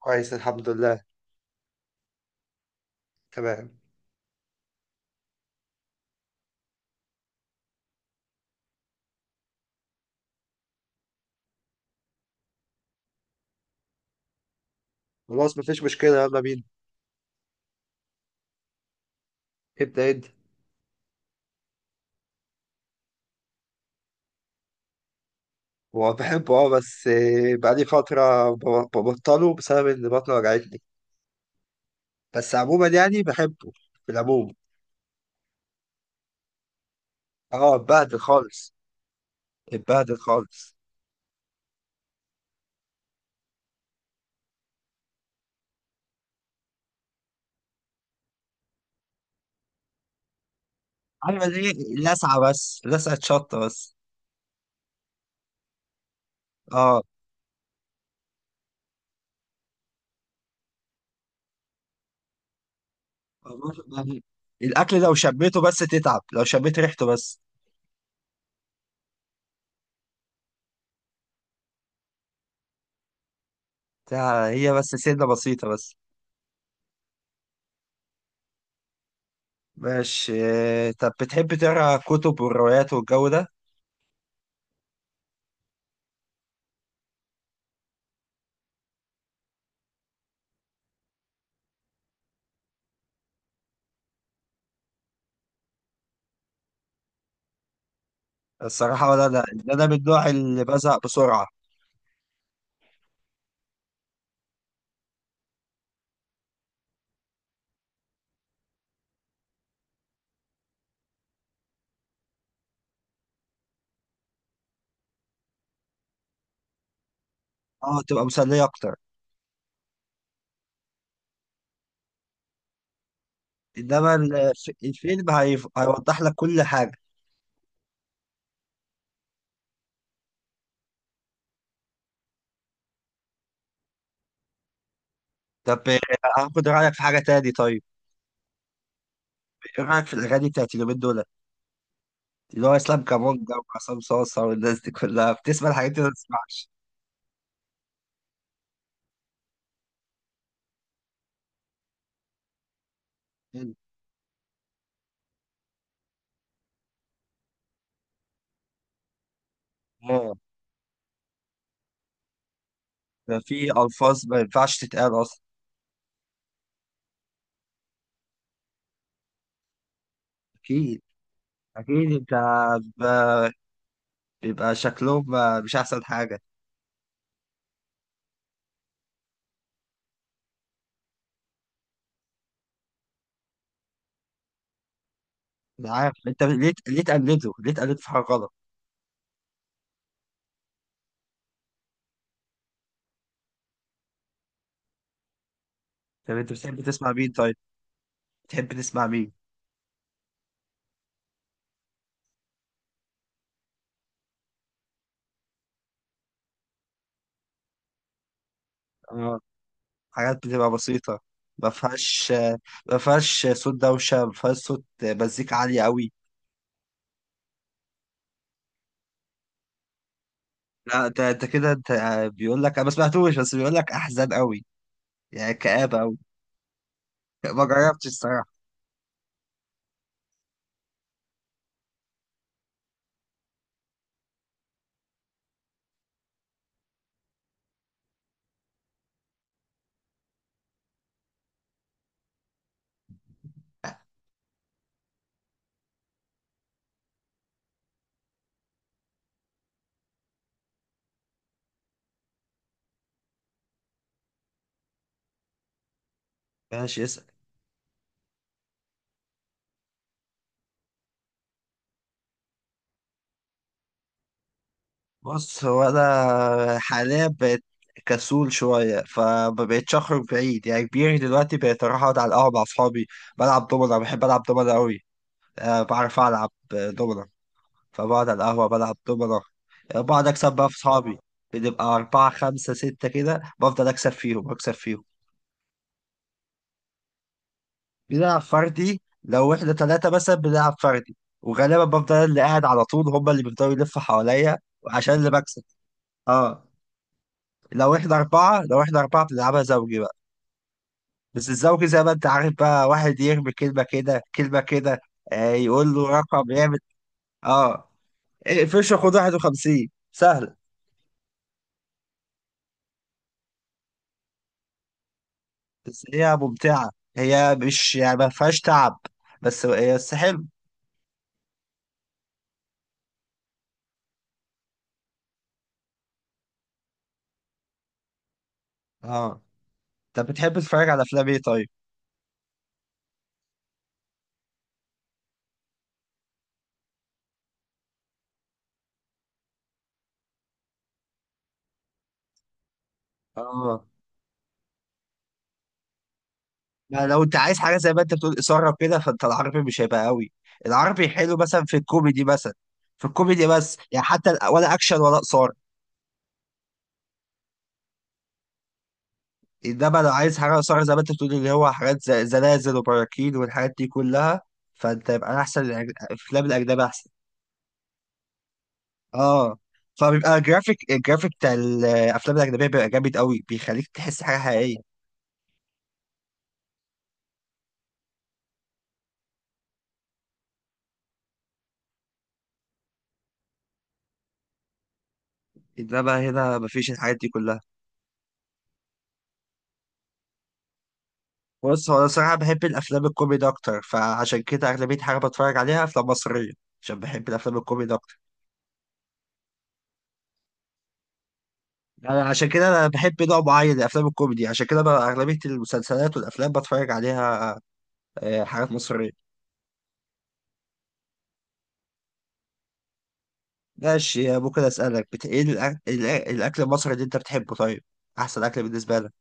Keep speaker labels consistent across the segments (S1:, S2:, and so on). S1: كويس الحمد لله. تمام. خلاص مفيش مشكلة، يلا بينا. ابدأ انت. هو بحبه، بس، بقالي فترة ببطله بسبب ان بطني وجعتني. بس عموما يعني بحبه في العموم. اه، اتبهدل خالص. اتبهدل خالص. عارف اللي هي لسعة، بس لسعة شطة بس. اه، يعني الأكل لو شميته بس تتعب، لو شميت ريحته بس. هي بس سنة بسيطة بس. ماشي. طب بتحب تقرا كتب والروايات والجو ده؟ الصراحة، ولا، لا، إن أنا من النوع اللي بزهق بسرعة. أه، تبقى مسلية أكتر. إنما الفيلم هيوضح لك كل حاجة. طب، هاخد رأيك في حاجة تاني طيب. إيه رأيك في الأغاني بتاعت اليومين دول، اللي هو إسلام كابونجا وعصام صاصة، والناس دي كلها بتسمع الحاجات دي ولا ما تسمعش؟ آه، ده في ألفاظ ما ينفعش تتقال أصلا. أكيد. أكيد أنت ب- بيبقى شكلهم مش أحسن حاجة. أنا عارف أنت، ليه تقلده، ليه تقلده في حاجة غلط. طب أنت بتحب تسمع مين طيب؟ تحب تسمع مين؟ اه، حاجات بتبقى بسيطة، ما فيهاش ما فيهاش صوت دوشة، ما فيهاش صوت مزيكا عالية قوي. لا، ده انت كده، انت بيقول لك انا ما سمعتوش، بس بيقول لك احزان قوي. يعني كآبة قوي. ما جربتش الصراحة. ماشي، اسأل. بص، هو انا حاليا بقيت كسول شوية، فما بقتش أخرج بعيد، يعني كبير دلوقتي، بقيت أروح أقعد على القهوة مع أصحابي. بلعب دومنة، بحب ألعب دومنة قوي. أه، بعرف ألعب دومنة. فبقعد على القهوة بلعب دومنة. بقعد أكسب بقى في صحابي. بنبقى أربعة خمسة ستة كده، بفضل أكسب فيهم أكسب فيهم. بنلعب فردي، لو إحنا تلاتة مثلا بنلعب فردي. وغالبا بفضل أنا اللي قاعد على طول، هما اللي بيفضلوا يلفوا حواليا. عشان اللي بكسب. اه. لو إحنا أربعة بنلعبها زوجي بقى. بس الزوجي زي ما أنت عارف، بقى واحد يرمي كلمة كده، كلمة كده. يقول له رقم يعمل. اه فيش خد 51 سهل. بس هي ممتعة، هي مش يعني ما فيهاش تعب، بس هي بس حلو. اه، طب بتحب تتفرج على افلام ايه طيب؟ اه، ما لو انت عايز حاجة زي ما انت بتقول إثارة وكده، فانت العربي مش هيبقى قوي. العربي حلو، مثلا في الكوميدي بس، يعني حتى ولا اكشن ولا إثارة. انما لو عايز حاجة إثارة زي ما انت بتقول، اللي هو حاجات زي زلازل وبراكين والحاجات دي كلها، فانت يبقى احسن الافلام الاجنبية احسن. اه، فبيبقى الجرافيك بتاع الافلام الاجنبيه بيبقى جامد قوي، بيخليك تحس حاجه حقيقيه. انما هنا مفيش الحاجات دي كلها. بص هو انا صراحه بحب الافلام الكوميدي اكتر، فعشان كده اغلبيه حاجه بتفرج عليها افلام مصريه. عشان بحب الافلام الكوميدي اكتر. يعني عشان كده انا بحب نوع معين من الافلام الكوميدي، عشان كده بقى اغلبيه المسلسلات والافلام بتفرج عليها. حاجات مصريه. ماشي، ممكن اسالك ايه الاكل المصري اللي انت بتحبه طيب؟ احسن اكل بالنسبه لك؟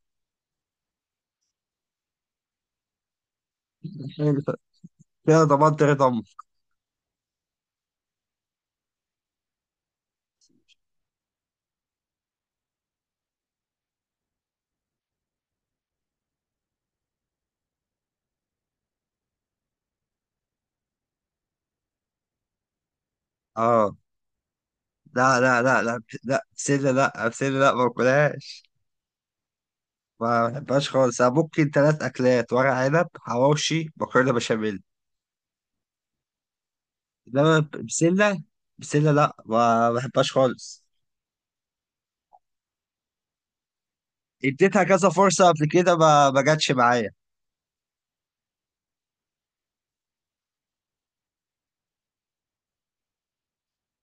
S1: حلو. كده ضمنت رضا. اه، لا، لا، لا، لا، لا بسلة، لا بسلة، لا ما باكلهاش. ما بحبهاش خالص، انا ممكن ثلاث اكلات: ورق عنب، حواوشي، مكرونه بشاميل. انما بسلة، بسلة لا، ما بحبهاش خالص. اديتها كذا فرصه قبل كده، ما جاتش معايا.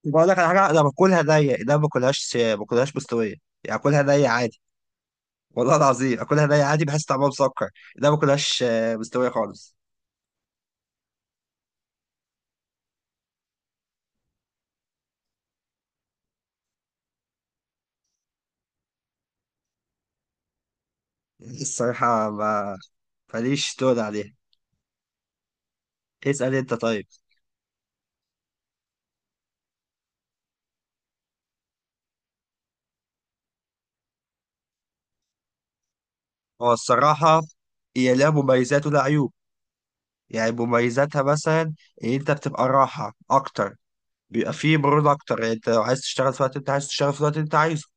S1: بقول لك على حاجه، انا باكلها نيه، انا ما باكلهاش مستويه. يعني اكلها نيه عادي. والله العظيم، اكلها نيه عادي، بحس طعمها مسكر. انا ما باكلهاش مستويه خالص. الصراحه، ما ماليش تقول عليها. اسال انت طيب. هو الصراحة، هي لها مميزات ولها عيوب. يعني مميزاتها مثلا، إن أنت بتبقى راحة أكتر. بيبقى فيه مرونة أكتر، يعني أنت لو عايز تشتغل في الوقت أنت عايز تشتغل، في الوقت أنت عايزه.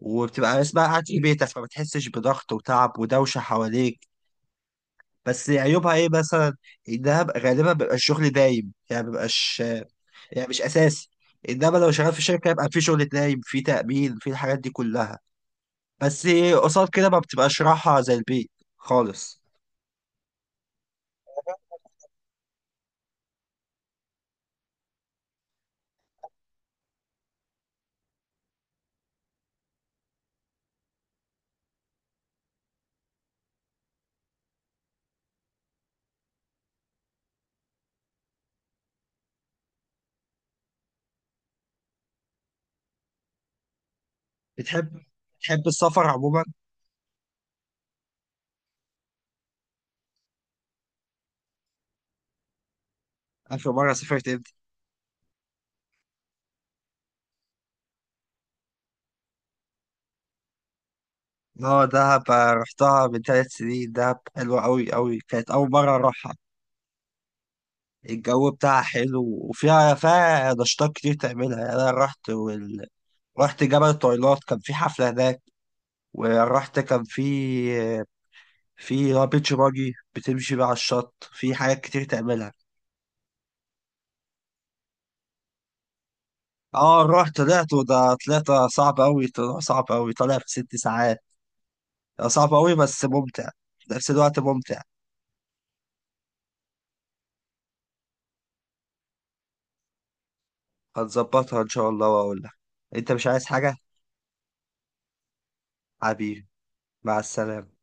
S1: وبتبقى اسمها قاعد في بيتك، فما بتحسش بضغط وتعب ودوشة حواليك. بس عيوبها إيه مثلا؟ إنها غالبا بيبقى الشغل دايم يعني مبيبقاش. يعني مش أساسي. إنما لو شغال في شركة يبقى في شغل دايم، في تأمين، في الحاجات دي كلها. بس قصاد كده ما بتبقاش راحة زي البيت خالص. بتحب بتحب السفر عموما؟ آخر مرة سافرت امتى؟ اه، دهب. رحتها من 3 سنين، دهب حلوة أوي أوي، كانت أول مرة أروحها. الجو بتاعها حلو، وفيها نشاطات كتير تعملها، يعني أنا رحت رحت جبل الطويلات، كان في حفلة هناك. ورحت، كان في بيتش باجي، بتمشي بقى على الشط، في حاجات كتير تعملها. اه، رحت طلعت وده، طلعت صعب أوي، طلع صعب أوي، طالع في 6 ساعات. صعب أوي بس ممتع، في نفس الوقت ممتع. هتظبطها ان شاء الله واقول لك. انت مش عايز حاجة؟ حبيبي، مع السلامة.